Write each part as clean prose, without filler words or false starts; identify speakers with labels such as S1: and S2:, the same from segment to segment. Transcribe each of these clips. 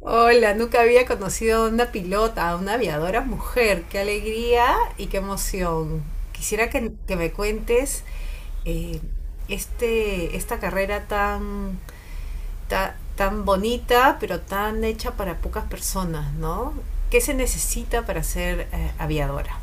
S1: Hola, nunca había conocido a una pilota, a una aviadora mujer. Qué alegría y qué emoción. Quisiera que me cuentes eh, esta carrera tan, tan bonita, pero tan hecha para pocas personas, ¿no? ¿Qué se necesita para ser aviadora?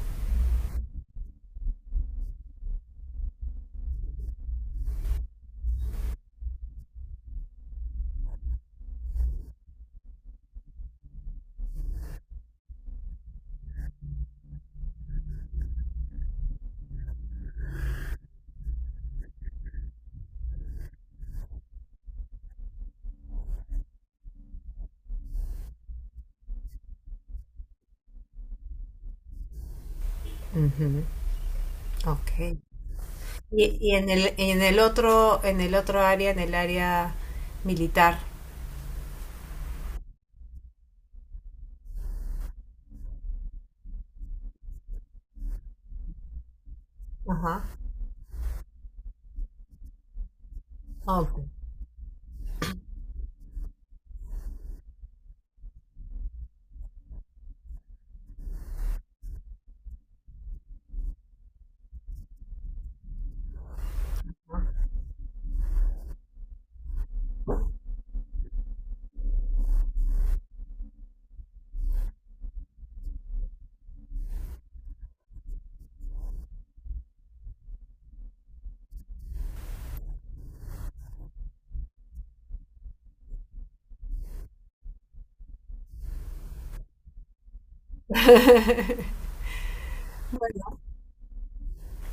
S1: Ujú, ok. Y en el otro área, en el área militar. Ajá. Ok.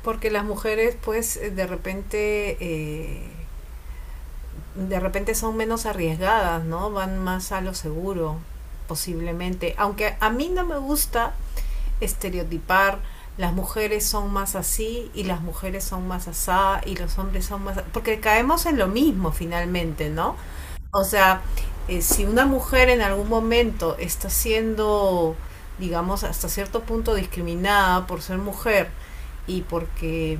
S1: Porque las mujeres, pues, de repente son menos arriesgadas, ¿no? Van más a lo seguro, posiblemente. Aunque a mí no me gusta estereotipar, las mujeres son más así y las mujeres son más asá y los hombres son más... Porque caemos en lo mismo finalmente, ¿no? O sea, si una mujer en algún momento está siendo, digamos, hasta cierto punto discriminada por ser mujer, y porque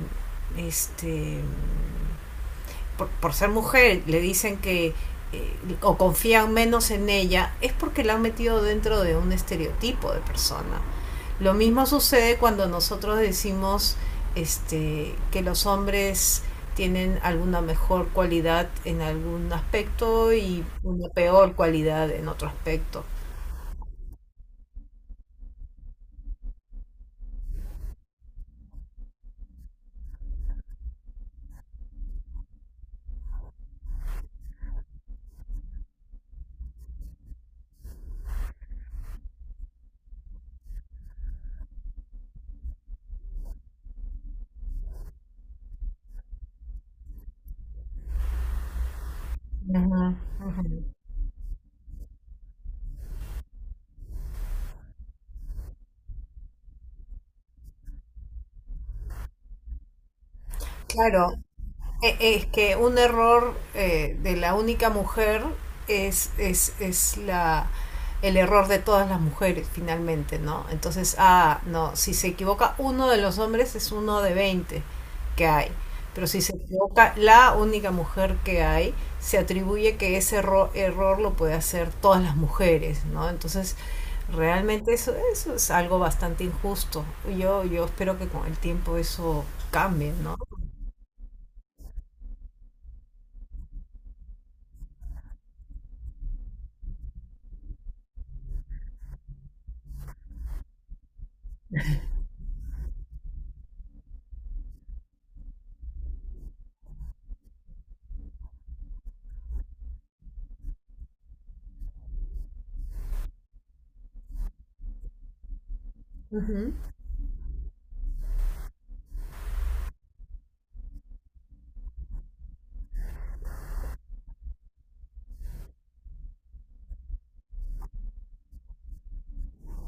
S1: este por ser mujer le dicen que eh, o confían menos en ella es porque la han metido dentro de un estereotipo de persona. Lo mismo sucede cuando nosotros decimos que los hombres tienen alguna mejor cualidad en algún aspecto y una peor cualidad en otro aspecto. Uh -huh, uh -huh. Claro. Es que un error de la única mujer es el error de todas las mujeres, finalmente, ¿no? Entonces, ah, no, si se equivoca uno de los hombres es uno de 20 que hay. Pero si se equivoca la única mujer que hay, se atribuye que ese error lo puede hacer todas las mujeres, ¿no? Entonces, realmente eso, eso es algo bastante injusto. Yo espero que con el tiempo eso cambie, ¿no? Ujú,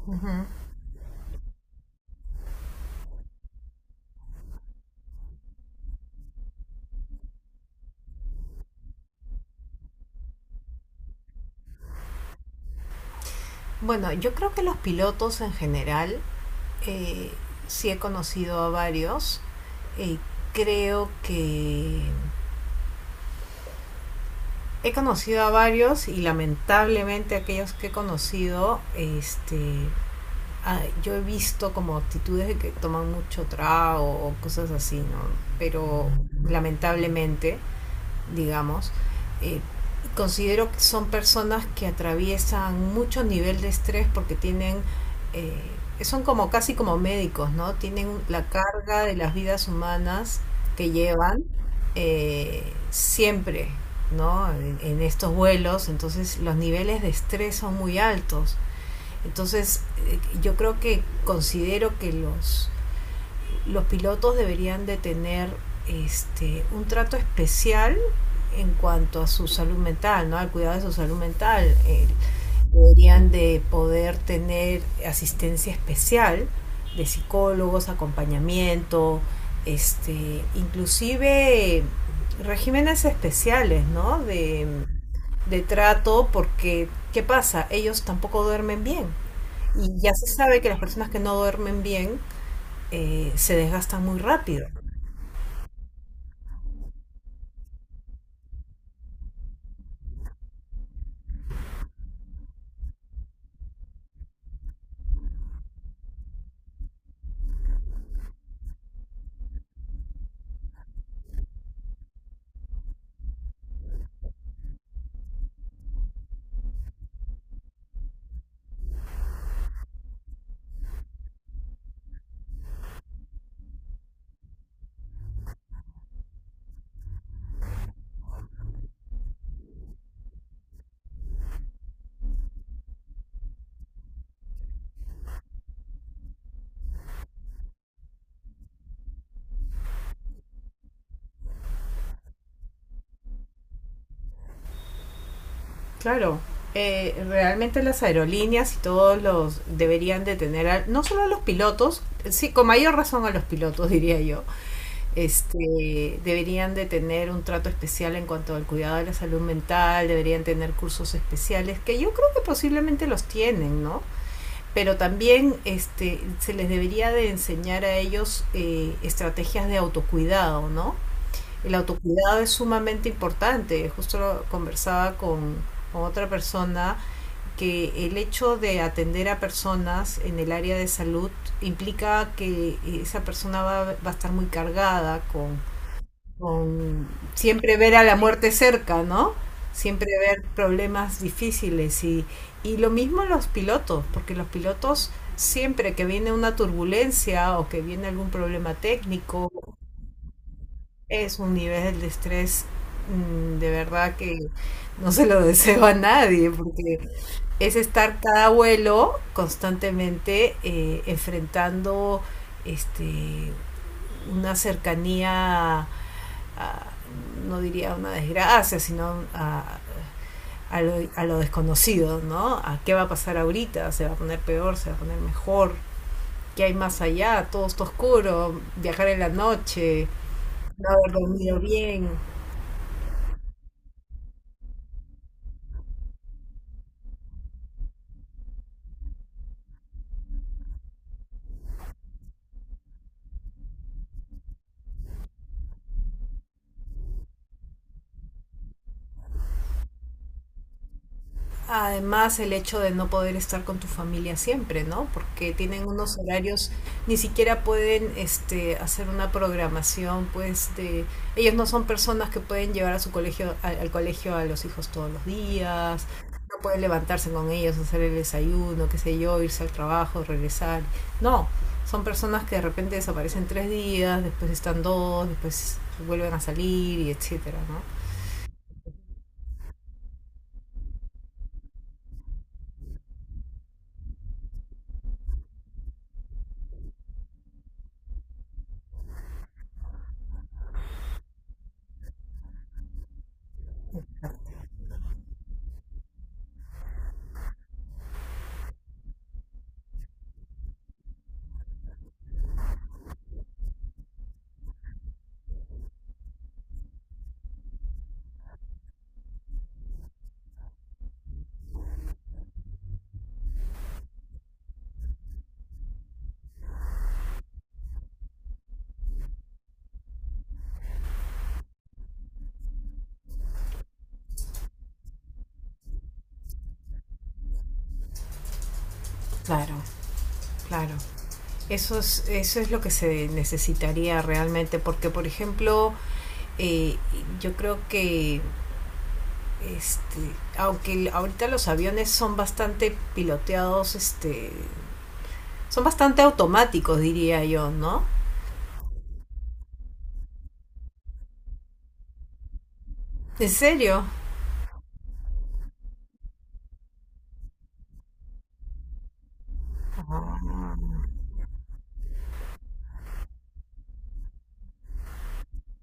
S1: ujú. Bueno, yo creo que los pilotos en general, eh, sí he conocido a varios. eh, Creo que he conocido a varios y lamentablemente aquellos que he conocido, ah, yo he visto como actitudes de que toman mucho trago o cosas así, ¿no? Pero lamentablemente. Digamos, eh, considero que son personas que atraviesan mucho nivel de estrés porque tienen, eh, son como casi como médicos, ¿no? Tienen la carga de las vidas humanas que llevan siempre, ¿no? En estos vuelos, entonces los niveles de estrés son muy altos. Entonces, yo creo que considero que los pilotos deberían de tener un trato especial en cuanto a su salud mental, ¿no? Al cuidado de su salud mental. Deberían de poder tener asistencia especial de psicólogos, acompañamiento, inclusive regímenes especiales, ¿no? De trato, porque ¿qué pasa? Ellos tampoco duermen bien. Y ya se sabe que las personas que no duermen bien se desgastan muy rápido. Claro, realmente las aerolíneas y todos los deberían de tener, no solo a los pilotos, sí, con mayor razón a los pilotos, diría yo, deberían de tener un trato especial en cuanto al cuidado de la salud mental, deberían tener cursos especiales, que yo creo que posiblemente los tienen, ¿no? Pero también se les debería de enseñar a ellos estrategias de autocuidado, ¿no? El autocuidado es sumamente importante. Justo lo conversaba con otra persona que el hecho de atender a personas en el área de salud implica que esa persona va a estar muy cargada con siempre ver a la muerte cerca, ¿no? Siempre ver problemas difíciles y lo mismo los pilotos, porque los pilotos siempre que viene una turbulencia o que viene algún problema técnico, es un nivel de estrés de verdad que no se lo deseo a nadie, porque es estar cada abuelo constantemente enfrentando este, una cercanía, a, no diría una desgracia, sino a, a lo desconocido, ¿no? A qué va a pasar ahorita, se va a poner peor, se va a poner mejor, qué hay más allá, todo está oscuro, viajar en la noche, no haber dormido bien. Además, el hecho de no poder estar con tu familia siempre, ¿no? Porque tienen unos horarios, ni siquiera pueden hacer una programación, pues de... Ellos no son personas que pueden llevar a su colegio, al, al colegio a los hijos todos los días, no pueden levantarse con ellos, hacer el desayuno, qué sé yo, irse al trabajo, regresar. No, son personas que de repente desaparecen tres días, después están dos, después vuelven a salir y etcétera, ¿no? Claro, claro. Eso es lo que se necesitaría realmente, porque por ejemplo, eh, yo creo que este, aunque ahorita los aviones son bastante piloteados, son bastante automáticos, diría yo, ¿no? ¿En serio? Ah,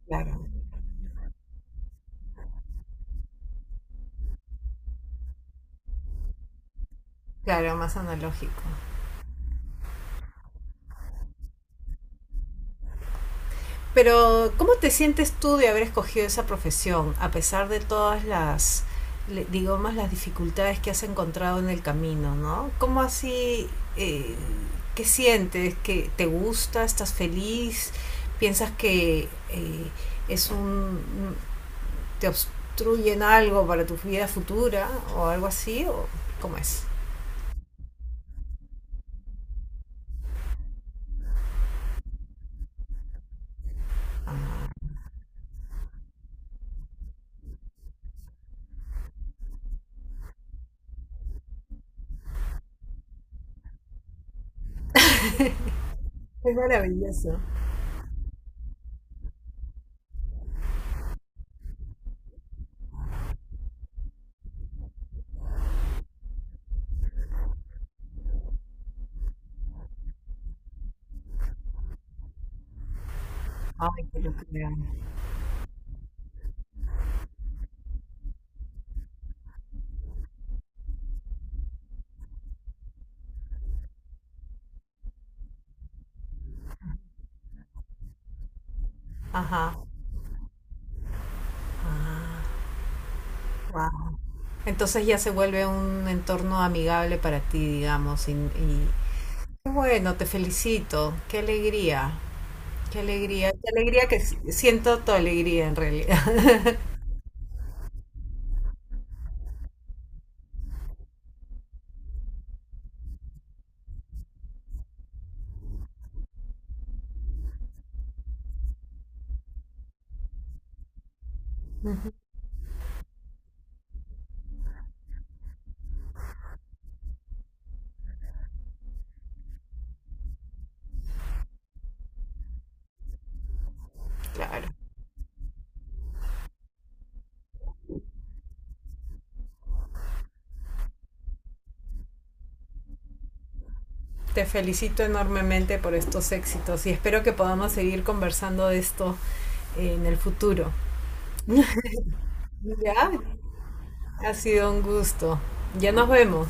S1: claro, claro, más analógico. Pero, ¿cómo te sientes tú de haber escogido esa profesión, a pesar de todas las, digamos, las dificultades que has encontrado en el camino, ¿no? ¿Cómo así, eh, qué sientes? ¿Que te gusta? ¿Estás feliz? ¿Piensas que es un, te obstruyen algo para tu vida futura o algo así? ¿O cómo es? Es maravilloso. Ay, que lo crean. Ajá. Wow. Entonces ya se vuelve un entorno amigable para ti, digamos. Bueno, te felicito. Qué alegría, qué alegría, qué alegría que siento tu alegría en realidad. Claro. Te felicito enormemente por estos éxitos y espero que podamos seguir conversando de esto en el futuro. Ya, ha sido un gusto. Ya nos vemos.